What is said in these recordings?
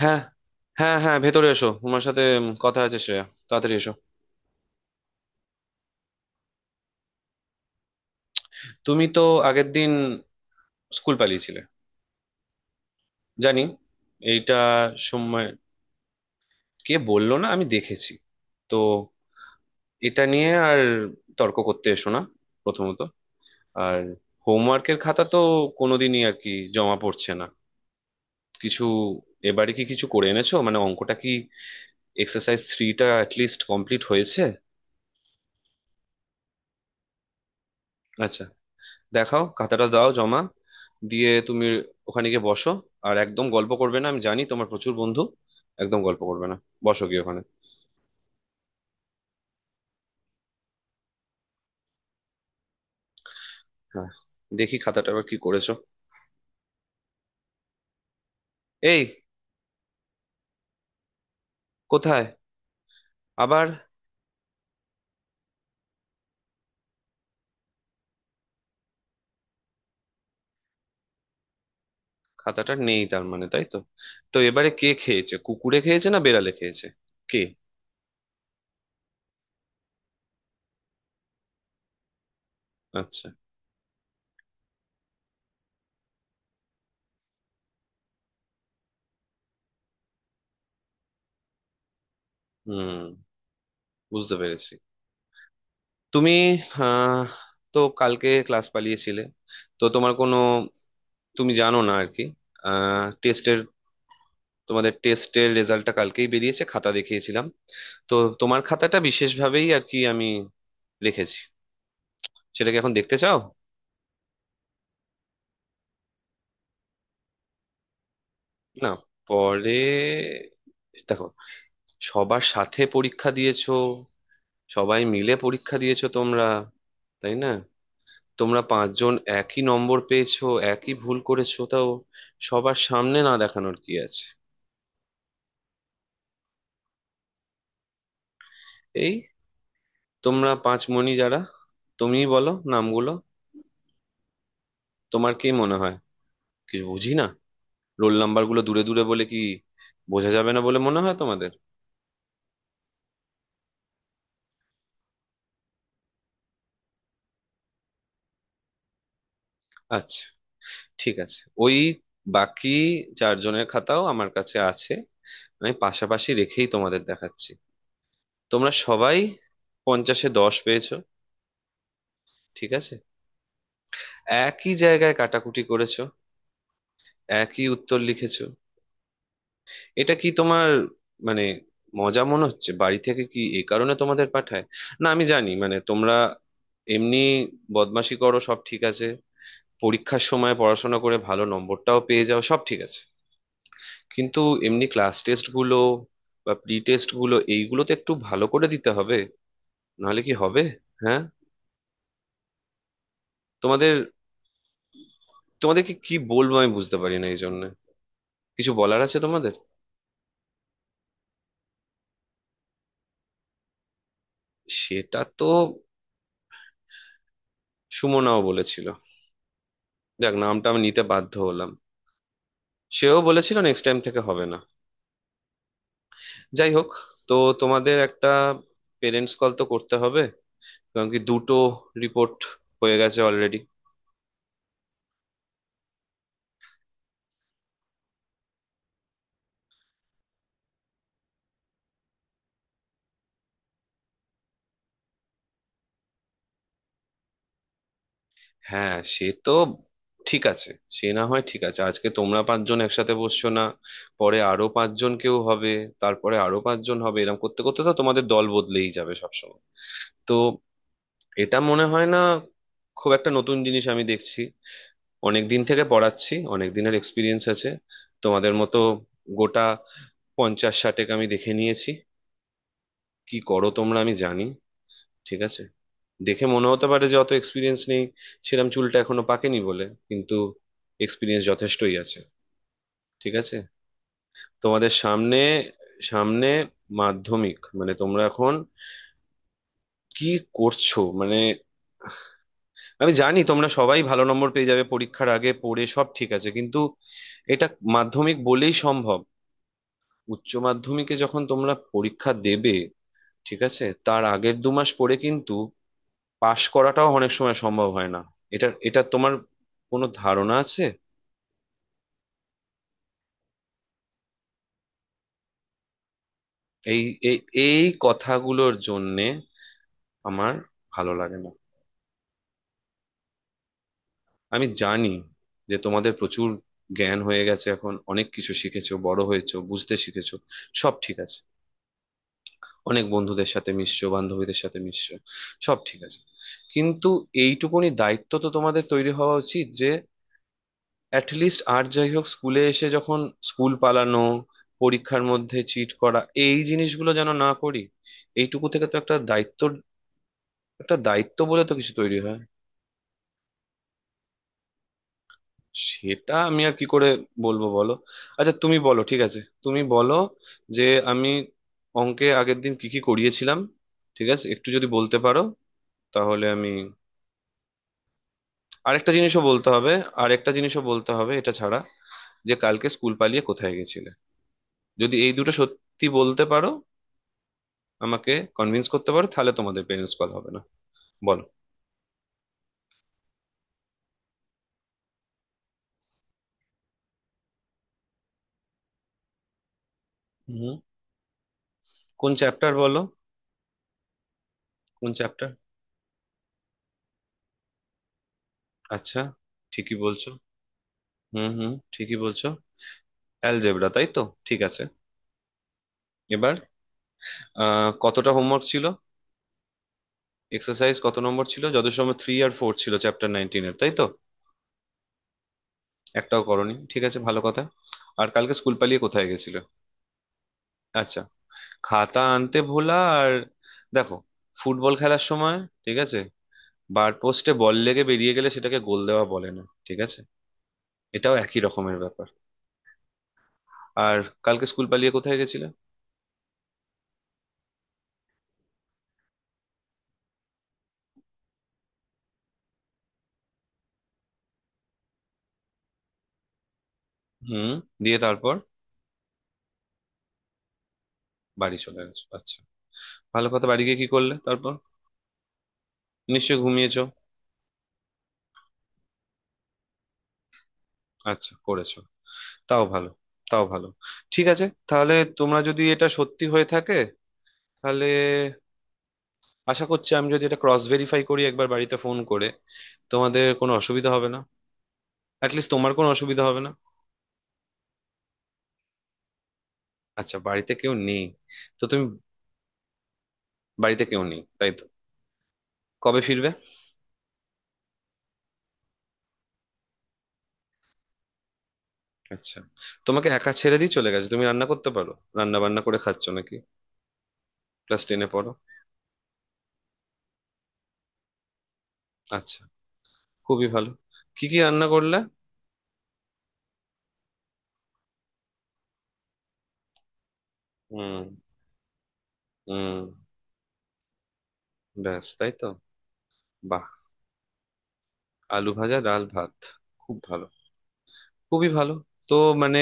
হ্যাঁ, হ্যাঁ, হ্যাঁ, ভেতরে এসো। তোমার সাথে কথা আছে, শ্রেয়া, তাড়াতাড়ি এসো। তুমি তো আগের দিন স্কুল পালিয়েছিলে জানি। এইটা সময়। কে বললো? না, আমি দেখেছি। তো এটা নিয়ে আর তর্ক করতে এসো না। প্রথমত, আর হোমওয়ার্কের খাতা তো কোনোদিনই আর কি জমা পড়ছে না কিছু। এবারে কি কিছু করে এনেছো? মানে অঙ্কটা, কি এক্সারসাইজ থ্রিটা অ্যাটলিস্ট কমপ্লিট হয়েছে? আচ্ছা, দেখাও, খাতাটা দাও, জমা দিয়ে তুমি ওখানে গিয়ে বসো। আর একদম গল্প করবে না, আমি জানি তোমার প্রচুর বন্ধু। একদম গল্প করবে না, বসো গিয়ে ওখানে। হ্যাঁ, দেখি খাতাটা, আবার কি করেছো। এই, কোথায় আবার? খাতাটা নেই তার মানে, তাই তো? তো এবারে কে খেয়েছে, কুকুরে খেয়েছে না বেড়ালে খেয়েছে? কে? আচ্ছা, হুম, বুঝতে পেরেছি। তুমি আহ তো কালকে ক্লাস পালিয়েছিলে তো তোমার কোনো তুমি জানো না আর কি। টেস্টের, তোমাদের টেস্টের রেজাল্টটা কালকেই বেরিয়েছে, খাতা দেখিয়েছিলাম। তো তোমার খাতাটা বিশেষভাবেই আর কি আমি রেখেছি, সেটাকে এখন দেখতে চাও? না, পরে দেখো। সবার সাথে পরীক্ষা দিয়েছো, সবাই মিলে পরীক্ষা দিয়েছো তোমরা, তাই না? তোমরা পাঁচজন একই নম্বর পেয়েছো, একই ভুল করেছো, তাও সবার সামনে না দেখানোর কি আছে? এই, তোমরা পাঁচমণি যারা, তুমিই বলো নামগুলো। তোমার কি মনে হয় কিছু বুঝি না? রোল নাম্বার গুলো দূরে দূরে বলে কি বোঝা যাবে না বলে মনে হয় তোমাদের? আচ্ছা, ঠিক আছে। ওই বাকি চারজনের খাতাও আমার কাছে আছে, আমি পাশাপাশি রেখেই তোমাদের দেখাচ্ছি। তোমরা সবাই 50-এ 10 পেয়েছো, ঠিক আছে? একই জায়গায় কাটাকুটি করেছো, একই উত্তর লিখেছো। এটা কি তোমার মানে মজা মনে হচ্ছে? বাড়ি থেকে কি এই কারণে তোমাদের পাঠায়? না, আমি জানি মানে তোমরা এমনি বদমাশি করো সব ঠিক আছে, পরীক্ষার সময় পড়াশোনা করে ভালো নম্বরটাও পেয়ে যাও সব ঠিক আছে। কিন্তু এমনি ক্লাস টেস্ট গুলো বা প্রি টেস্ট গুলো এইগুলো তো একটু ভালো করে দিতে হবে, নাহলে কি হবে? হ্যাঁ, তোমাদের, তোমাদেরকে কি বলবো আমি বুঝতে পারি না এই জন্য। কিছু বলার আছে তোমাদের? সেটা তো সুমনাও বলেছিল, যাক নামটা আমি নিতে বাধ্য হলাম। সেও বলেছিল নেক্সট টাইম থেকে হবে না। যাই হোক, তো তোমাদের একটা পেরেন্টস কল তো করতে হবে, কারণ কি দুটো রিপোর্ট হয়ে গেছে অলরেডি। হ্যাঁ, সে তো ঠিক আছে, সে না হয় ঠিক আছে আজকে তোমরা পাঁচজন একসাথে বসছো না, পরে আরো পাঁচজন কেউ হবে, তারপরে আরো পাঁচজন হবে, এরকম করতে করতে তো তোমাদের দল বদলেই যাবে সবসময়। তো এটা মনে হয় না খুব একটা নতুন জিনিস আমি দেখছি। অনেক দিন থেকে পড়াচ্ছি, অনেক দিনের এক্সপিরিয়েন্স আছে। তোমাদের মতো গোটা 50-60-এক আমি দেখে নিয়েছি, কি করো তোমরা আমি জানি। ঠিক আছে, দেখে মনে হতে পারে যে অত এক্সপিরিয়েন্স নেই, সেরকম চুলটা এখনো পাকেনি বলে, কিন্তু এক্সপিরিয়েন্স যথেষ্টই আছে, ঠিক আছে? তোমাদের সামনে, সামনে মাধ্যমিক, মানে তোমরা এখন কি করছো মানে? আমি জানি তোমরা সবাই ভালো নম্বর পেয়ে যাবে পরীক্ষার আগে পড়ে সব ঠিক আছে, কিন্তু এটা মাধ্যমিক বলেই সম্ভব। উচ্চ মাধ্যমিকে যখন তোমরা পরীক্ষা দেবে, ঠিক আছে, তার আগের 2 মাস পরে কিন্তু পাশ করাটাও অনেক সময় সম্ভব হয় না। এটা, এটা তোমার কোনো ধারণা আছে? এই, এই, এই কথাগুলোর জন্যে আমার ভালো লাগে না। আমি জানি যে তোমাদের প্রচুর জ্ঞান হয়ে গেছে এখন, অনেক কিছু শিখেছো, বড় হয়েছো, বুঝতে শিখেছো, সব ঠিক আছে। অনেক বন্ধুদের সাথে মিশছো, বান্ধবীদের সাথে মিশছো, সব ঠিক আছে। কিন্তু এইটুকুনি দায়িত্ব তো তোমাদের তৈরি হওয়া উচিত যে অ্যাটলিস্ট আর যাই হোক স্কুলে এসে যখন, স্কুল পালানো, পরীক্ষার মধ্যে চিট করা, এই জিনিসগুলো যেন না করি। এইটুকু থেকে তো একটা দায়িত্ব, একটা দায়িত্ব বলে তো কিছু তৈরি হয়। সেটা আমি আর কি করে বলবো বলো। আচ্ছা তুমি বলো, ঠিক আছে তুমি বলো যে আমি অঙ্কে আগের দিন কি কি করিয়েছিলাম, ঠিক আছে একটু যদি বলতে পারো, তাহলে আমি আরেকটা জিনিসও বলতে হবে, আরেকটা জিনিসও বলতে হবে এটা ছাড়া, যে কালকে স্কুল পালিয়ে কোথায় গেছিলে। যদি এই দুটো সত্যি বলতে পারো আমাকে, কনভিন্স করতে পারো, তাহলে তোমাদের পেরেন্টস কল হবে না। বলো। হুম, কোন চ্যাপ্টার বলো? কোন চ্যাপ্টার? আচ্ছা, ঠিকই বলছো। হুম, হুম, ঠিকই বলছো, অ্যালজেব্রা, তাই তো? ঠিক আছে। এবার কতটা হোমওয়ার্ক ছিল, এক্সারসাইজ কত নম্বর ছিল, যত সময় থ্রি আর ফোর ছিল চ্যাপ্টার 19-এর, তাই তো? একটাও করনি, ঠিক আছে, ভালো কথা। আর কালকে স্কুল পালিয়ে কোথায় গেছিলে? আচ্ছা, খাতা আনতে ভোলা। আর দেখো, ফুটবল খেলার সময়, ঠিক আছে, বার পোস্টে বল লেগে বেরিয়ে গেলে সেটাকে গোল দেওয়া বলে না, ঠিক আছে? এটাও একই রকমের ব্যাপার। আর কালকে স্কুল পালিয়ে কোথায় গেছিলে? হুম, দিয়ে তারপর বাড়ি চলে গেছো, আচ্ছা, ভালো কথা। বাড়ি গিয়ে কি করলে তারপর, নিশ্চয়ই ঘুমিয়েছো? আচ্ছা, করেছো, তাও ভালো, তাও ভালো। ঠিক আছে, তাহলে তোমরা যদি এটা সত্যি হয়ে থাকে, তাহলে আশা করছি আমি যদি এটা ক্রস ভেরিফাই করি একবার বাড়িতে ফোন করে, তোমাদের কোনো অসুবিধা হবে না, অ্যাটলিস্ট তোমার কোনো অসুবিধা হবে না। আচ্ছা, বাড়িতে কেউ নেই, তো তুমি, বাড়িতে কেউ নেই তাই তো? কবে ফিরবে? আচ্ছা, তোমাকে একা ছেড়ে দিয়ে চলে গেছে, তুমি রান্না করতে পারো? রান্না বান্না করে খাচ্ছ নাকি, ক্লাস টেনে পড়ো? আচ্ছা, খুবই ভালো, কি কি রান্না করলে? হুম, হুম, ব্যাস, তাই তো? বাহ, আলু ভাজা, ডাল, ভাত, খুব ভালো, খুবই ভালো। তো মানে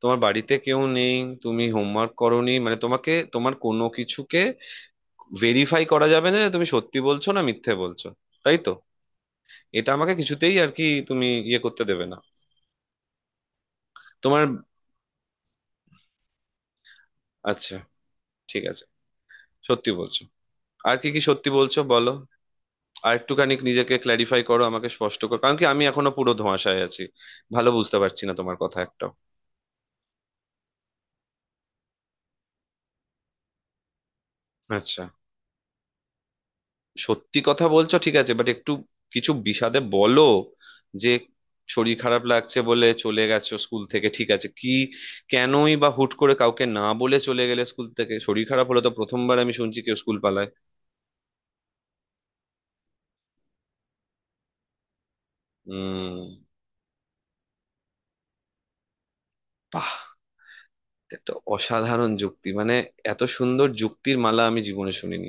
তোমার বাড়িতে কেউ নেই, তুমি হোমওয়ার্ক করোনি, মানে তোমাকে, তোমার কোনো কিছুকে ভেরিফাই করা যাবে না যে তুমি সত্যি বলছো না মিথ্যে বলছো, তাই তো? এটা আমাকে কিছুতেই আর কি তুমি ইয়ে করতে দেবে না তোমার। আচ্ছা, ঠিক আছে, সত্যি বলছো। আর কি কি সত্যি বলছো বলো? আর একটুখানি নিজেকে ক্ল্যারিফাই করো, আমাকে স্পষ্ট করো, কারণ কি আমি এখনো পুরো ধোঁয়াশায় আছি, ভালো বুঝতে পারছি না তোমার কথা একটাও। আচ্ছা, সত্যি কথা বলছো ঠিক আছে, বাট একটু কিছু বিশদে বলো, যে শরীর খারাপ লাগছে বলে চলে গেছো স্কুল থেকে, ঠিক আছে কি? কেনই বা হুট করে কাউকে না বলে চলে গেলে স্কুল থেকে? শরীর খারাপ হলে তো প্রথমবার আমি শুনছি কেউ স্কুল পালায়। উম বাহ, একটা অসাধারণ যুক্তি মানে, এত সুন্দর যুক্তির মালা আমি জীবনে শুনিনি।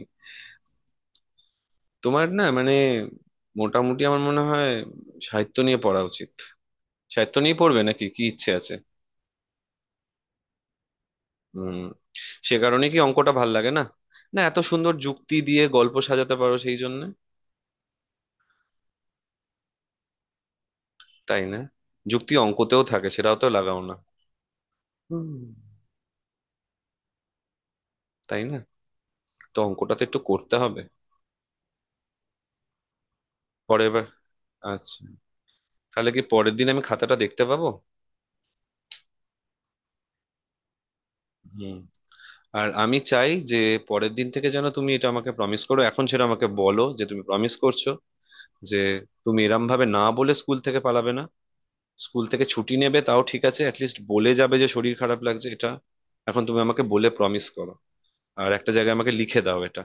তোমার না মানে মোটামুটি আমার মনে হয় সাহিত্য নিয়ে পড়া উচিত। সাহিত্য নিয়ে পড়বে নাকি, কি ইচ্ছে আছে? হুম, সে কারণে কি অঙ্কটা ভাল লাগে না? না, এত সুন্দর যুক্তি দিয়ে গল্প সাজাতে পারো সেই জন্য। তাই না? যুক্তি অঙ্কতেও থাকে, সেটাও তো লাগাও না। হুম, তাই না? তো অঙ্কটা তো একটু করতে হবে পরের বার। আচ্ছা, তাহলে কি পরের দিন আমি খাতাটা দেখতে পাবো? হুম, আর আমি চাই যে পরের দিন থেকে যেন তুমি এটা আমাকে প্রমিস করো, এখন সেটা আমাকে বলো, যে তুমি প্রমিস করছো যে তুমি এরম ভাবে না বলে স্কুল থেকে পালাবে না। স্কুল থেকে ছুটি নেবে তাও ঠিক আছে, অ্যাটলিস্ট বলে যাবে যে শরীর খারাপ লাগছে, এটা। এখন তুমি আমাকে বলে প্রমিস করো আর একটা জায়গায় আমাকে লিখে দাও এটা,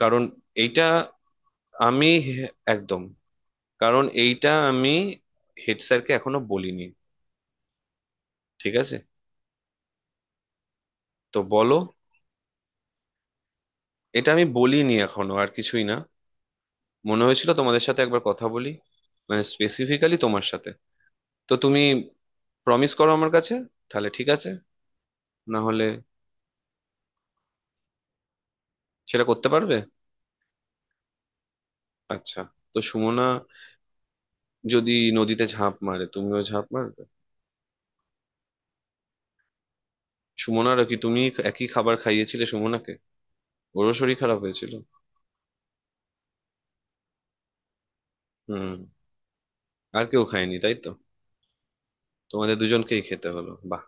কারণ এইটা আমি একদম, কারণ এইটা আমি হেড স্যারকে এখনো বলিনি, ঠিক আছে? তো বলো। এটা আমি বলিনি এখনো আর কিছুই না, মনে হয়েছিল তোমাদের সাথে একবার কথা বলি, মানে স্পেসিফিক্যালি তোমার সাথে। তো তুমি প্রমিস করো আমার কাছে, তাহলে ঠিক আছে, না হলে সেটা করতে পারবে? আচ্ছা, তো সুমনা যদি নদীতে ঝাঁপ মারে তুমিও ঝাঁপ মারবে? সুমনার কি তুমি একই খাবার খাইয়েছিলে সুমনাকে, ওরও শরীর খারাপ হয়েছিল? হুম, আর কেউ খায়নি তাই তো, তোমাদের দুজনকেই খেতে হলো, বাহ।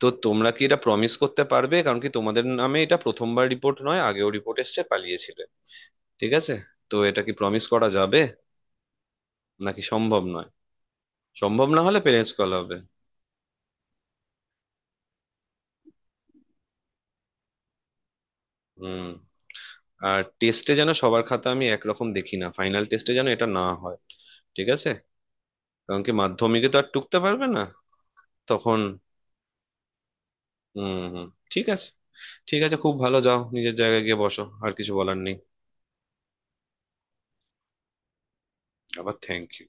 তো তোমরা কি এটা প্রমিস করতে পারবে? কারণ কি তোমাদের নামে এটা প্রথমবার রিপোর্ট নয়, আগেও রিপোর্ট এসেছে পালিয়েছিলে, ঠিক আছে? তো এটা কি প্রমিস করা যাবে নাকি সম্ভব নয়? সম্ভব না হলে পেরেন্টস কল হবে। হুম, আর টেস্টে যেন সবার খাতা আমি একরকম দেখি না, ফাইনাল টেস্টে যেন এটা না হয়, ঠিক আছে? কারণ কি মাধ্যমিকে তো আর টুকতে পারবে না তখন। হুম, হুম, ঠিক আছে, ঠিক আছে, খুব ভালো, যাও নিজের জায়গায় গিয়ে বসো, আর কিছু বলার নেই। আবার থ্যাংক ইউ।